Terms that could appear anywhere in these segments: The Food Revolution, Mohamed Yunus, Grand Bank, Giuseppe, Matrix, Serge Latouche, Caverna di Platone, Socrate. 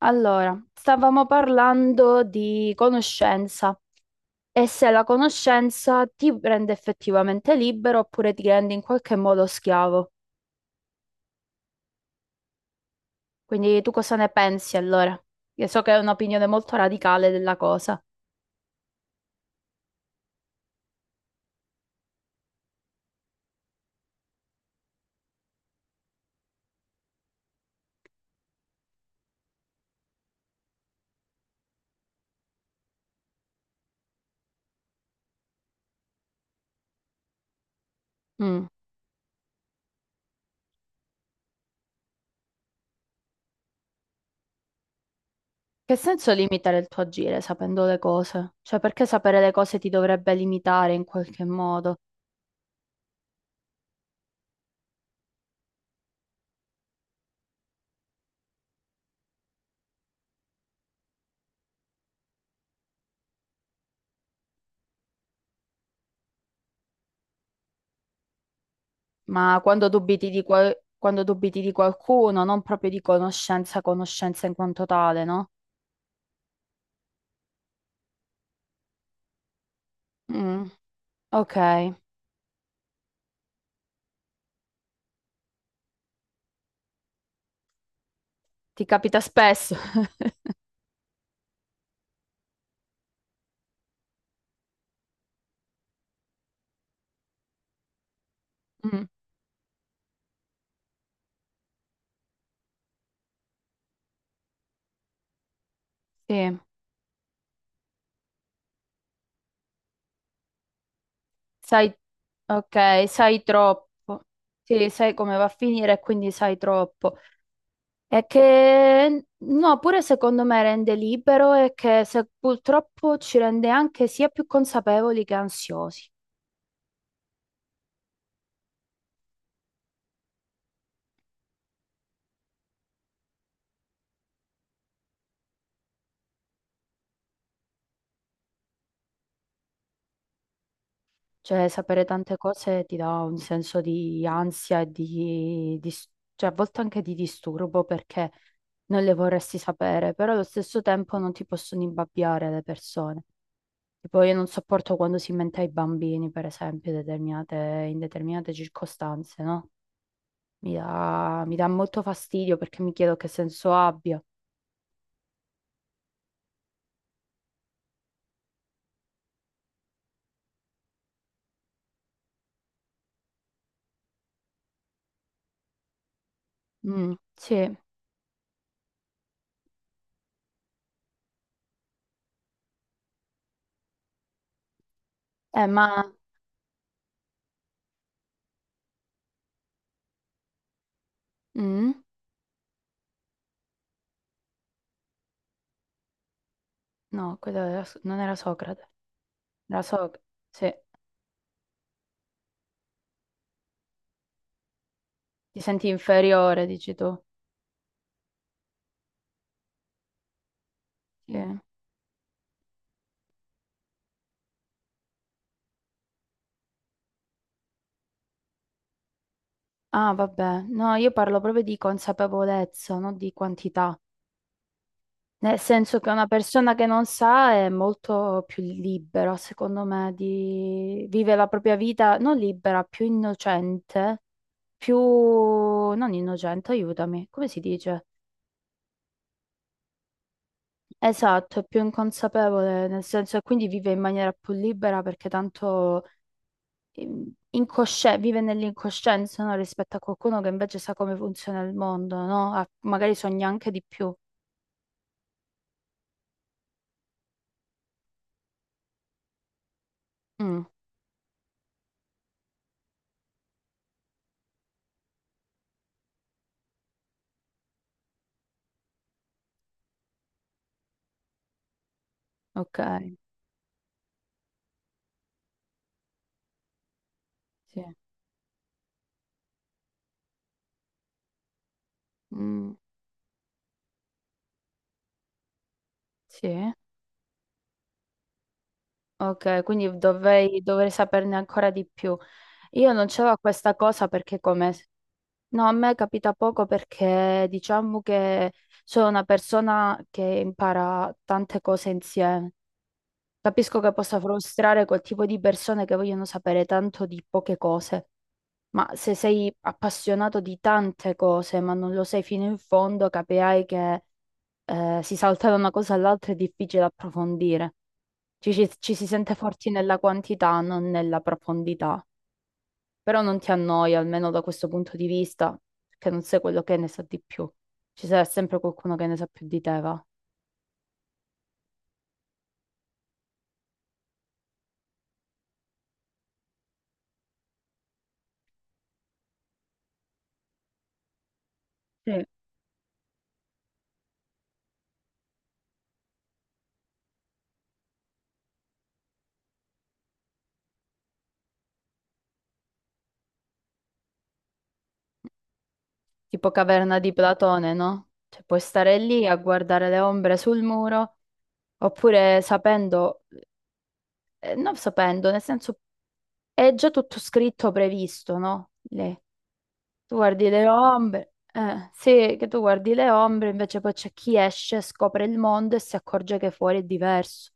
Allora, stavamo parlando di conoscenza e se la conoscenza ti rende effettivamente libero oppure ti rende in qualche modo schiavo. Quindi tu cosa ne pensi allora? Io so che è un'opinione molto radicale della cosa. Mm. Che senso limitare il tuo agire sapendo le cose? Cioè, perché sapere le cose ti dovrebbe limitare in qualche modo? Ma quando dubiti di, qual- quando dubiti di qualcuno, non proprio di conoscenza, conoscenza in quanto tale, no? Mm. Ok. Ti capita spesso? Mm, sì, sai, ok, sai troppo. Sì, sai come va a finire, e quindi sai troppo. E che, no, pure secondo me rende libero e che se- purtroppo ci rende anche sia più consapevoli che ansiosi. Cioè, sapere tante cose ti dà un senso di ansia e di- cioè, a volte anche di disturbo perché non le vorresti sapere, però allo stesso tempo non ti possono imbabbiare le persone. Tipo, io non sopporto quando si mente ai bambini, per esempio, determinate- in determinate circostanze, no? Mi dà molto fastidio perché mi chiedo che senso abbia. Mm, sì, ma... mm? No, quello era- non era Socrate. Era Socrate, sì. Ti senti inferiore, dici tu. Sì. Ah, vabbè. No, io parlo proprio di consapevolezza, non di quantità. Nel senso che una persona che non sa è molto più libera, secondo me, di... vive la propria vita non libera, più innocente, più... non innocente, aiutami, come si dice? Esatto, è più inconsapevole, nel senso che quindi vive in maniera più libera perché tanto incosce- vive nell'incoscienza, no? Rispetto a qualcuno che invece sa come funziona il mondo, no? Ah, magari sogna anche di più. Mm, ok, sì. Mm, sì. Ok, quindi dovrei, dovrei saperne ancora di più. Io non c'avevo questa cosa perché come... No, a me capita poco perché diciamo che sono una persona che impara tante cose insieme. Capisco che possa frustrare quel tipo di persone che vogliono sapere tanto di poche cose, ma se sei appassionato di tante cose ma non lo sei fino in fondo, capirai che si salta da una cosa all'altra è difficile approfondire. Ci si sente forti nella quantità, non nella profondità. Però non ti annoia, almeno da questo punto di vista, che non sei quello che ne sa di più. Ci sarà sempre qualcuno che ne sa più di te, va. Sì. Tipo Caverna di Platone, no? Cioè, puoi stare lì a guardare le ombre sul muro, oppure sapendo, non sapendo, nel senso è già tutto scritto, previsto, no? Lì. Tu guardi le ombre, sì, che tu guardi le ombre, invece poi c'è chi esce, scopre il mondo e si accorge che fuori è diverso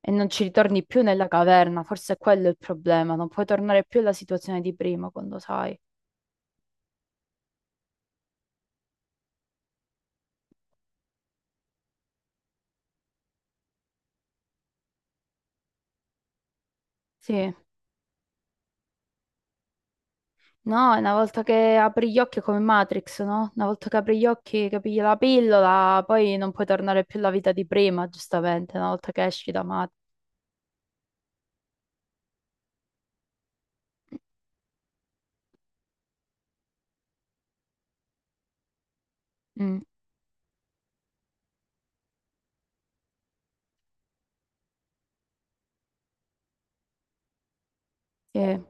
e non ci ritorni più nella caverna, forse è quello il problema, non puoi tornare più alla situazione di prima quando sai. Sì, no, una volta che apri gli occhi è come Matrix, no? Una volta che apri gli occhi, che pigli la pillola, poi non puoi tornare più alla vita di prima, giustamente, una volta che esci da Matrix. Mm, sì.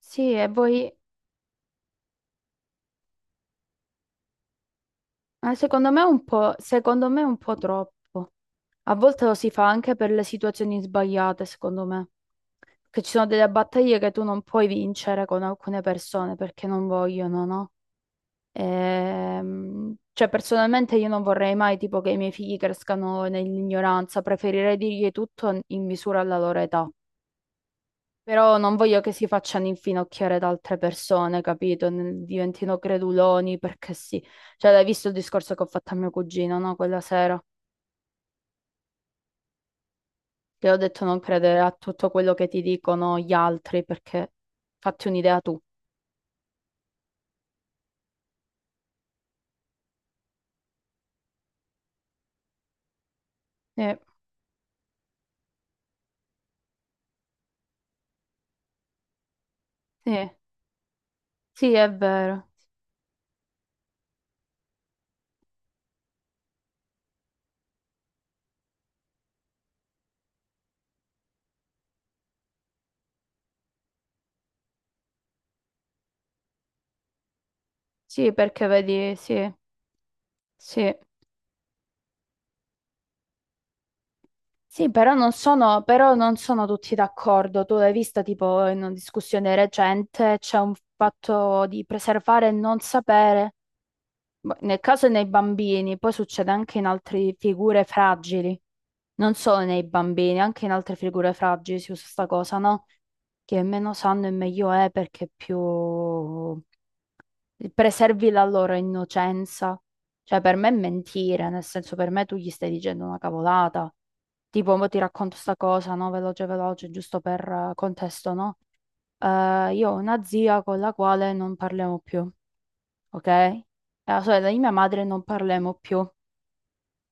Sì, e voi, secondo me è un po', secondo me è un po' troppo. A volte lo si fa anche per le situazioni sbagliate, secondo me. Che ci sono delle battaglie che tu non puoi vincere con alcune persone perché non vogliono, no? Cioè, personalmente io non vorrei mai tipo che i miei figli crescano nell'ignoranza, preferirei dirgli tutto in misura alla loro età. Però non voglio che si facciano infinocchiare da altre persone, capito? N- Diventino creduloni perché sì. Cioè, l'hai visto il discorso che ho fatto a mio cugino, no? Quella sera. Te l'ho detto non credere a tutto quello che ti dicono gli altri perché fatti un'idea tu. Eh, sì, sì, è vero. Sì, perché vedi, sì, sì. Sì, però non sono tutti d'accordo. Tu l'hai vista tipo in una discussione recente, c'è un fatto di preservare e non sapere. Boh, nel caso nei bambini, poi succede anche in altre figure fragili. Non solo nei bambini, anche in altre figure fragili si usa sta cosa, no? Che meno sanno e meglio è perché più preservi la loro innocenza. Cioè, per me è mentire, nel senso, per me tu gli stai dicendo una cavolata. Tipo, mo ti racconto sta cosa, no? Veloce, veloce, giusto per contesto, no? Io ho una zia con la quale non parliamo più, ok? E la sorella di mia madre non parliamo più,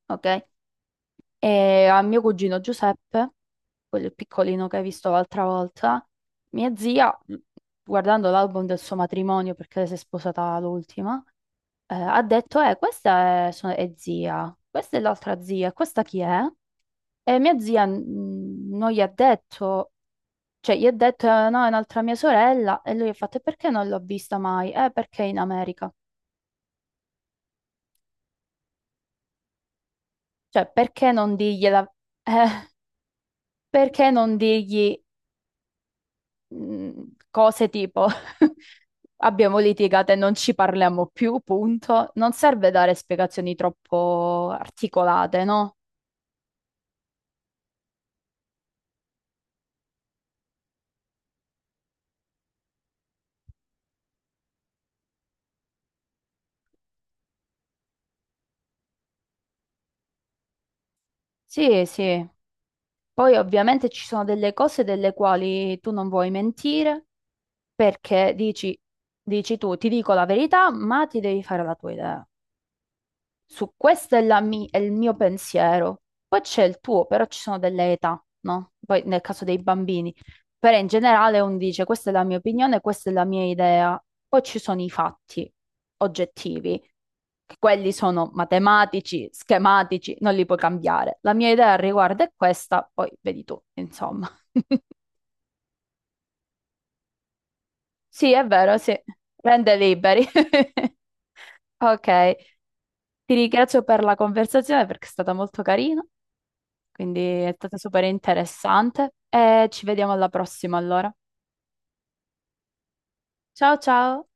ok? E a mio cugino Giuseppe, quello piccolino che hai visto l'altra volta, mia zia, guardando l'album del suo matrimonio, perché lei si è sposata l'ultima, ha detto, questa è, so- è zia, questa è l'altra zia, questa chi è? E mia zia non gli ha detto, cioè gli ha detto, no, è un'altra mia sorella", e lui ha fatto, "E perché non l'ho vista mai? Perché è in America?" Cioè, perché non dirgliela? Eh. Perché non dirgli mh, cose tipo abbiamo litigato e non ci parliamo più, punto. Non serve dare spiegazioni troppo articolate, no? Sì, sì. Poi ovviamente ci sono delle cose delle quali tu non vuoi mentire perché dici tu, ti dico la verità, ma ti devi fare la tua idea. Su questo è, la mi- è il mio pensiero. Poi c'è il tuo, però ci sono delle età, no? Poi nel caso dei bambini. Però in generale uno dice questa è la mia opinione, questa è la mia idea. Poi ci sono i fatti oggettivi, che quelli sono matematici, schematici, non li puoi cambiare. La mia idea al riguardo è questa, poi vedi tu, insomma. Sì, è vero, sì. Rende liberi. Ok, ti ringrazio per la conversazione perché è stata molto carina. Quindi è stata super interessante e ci vediamo alla prossima allora. Ciao ciao!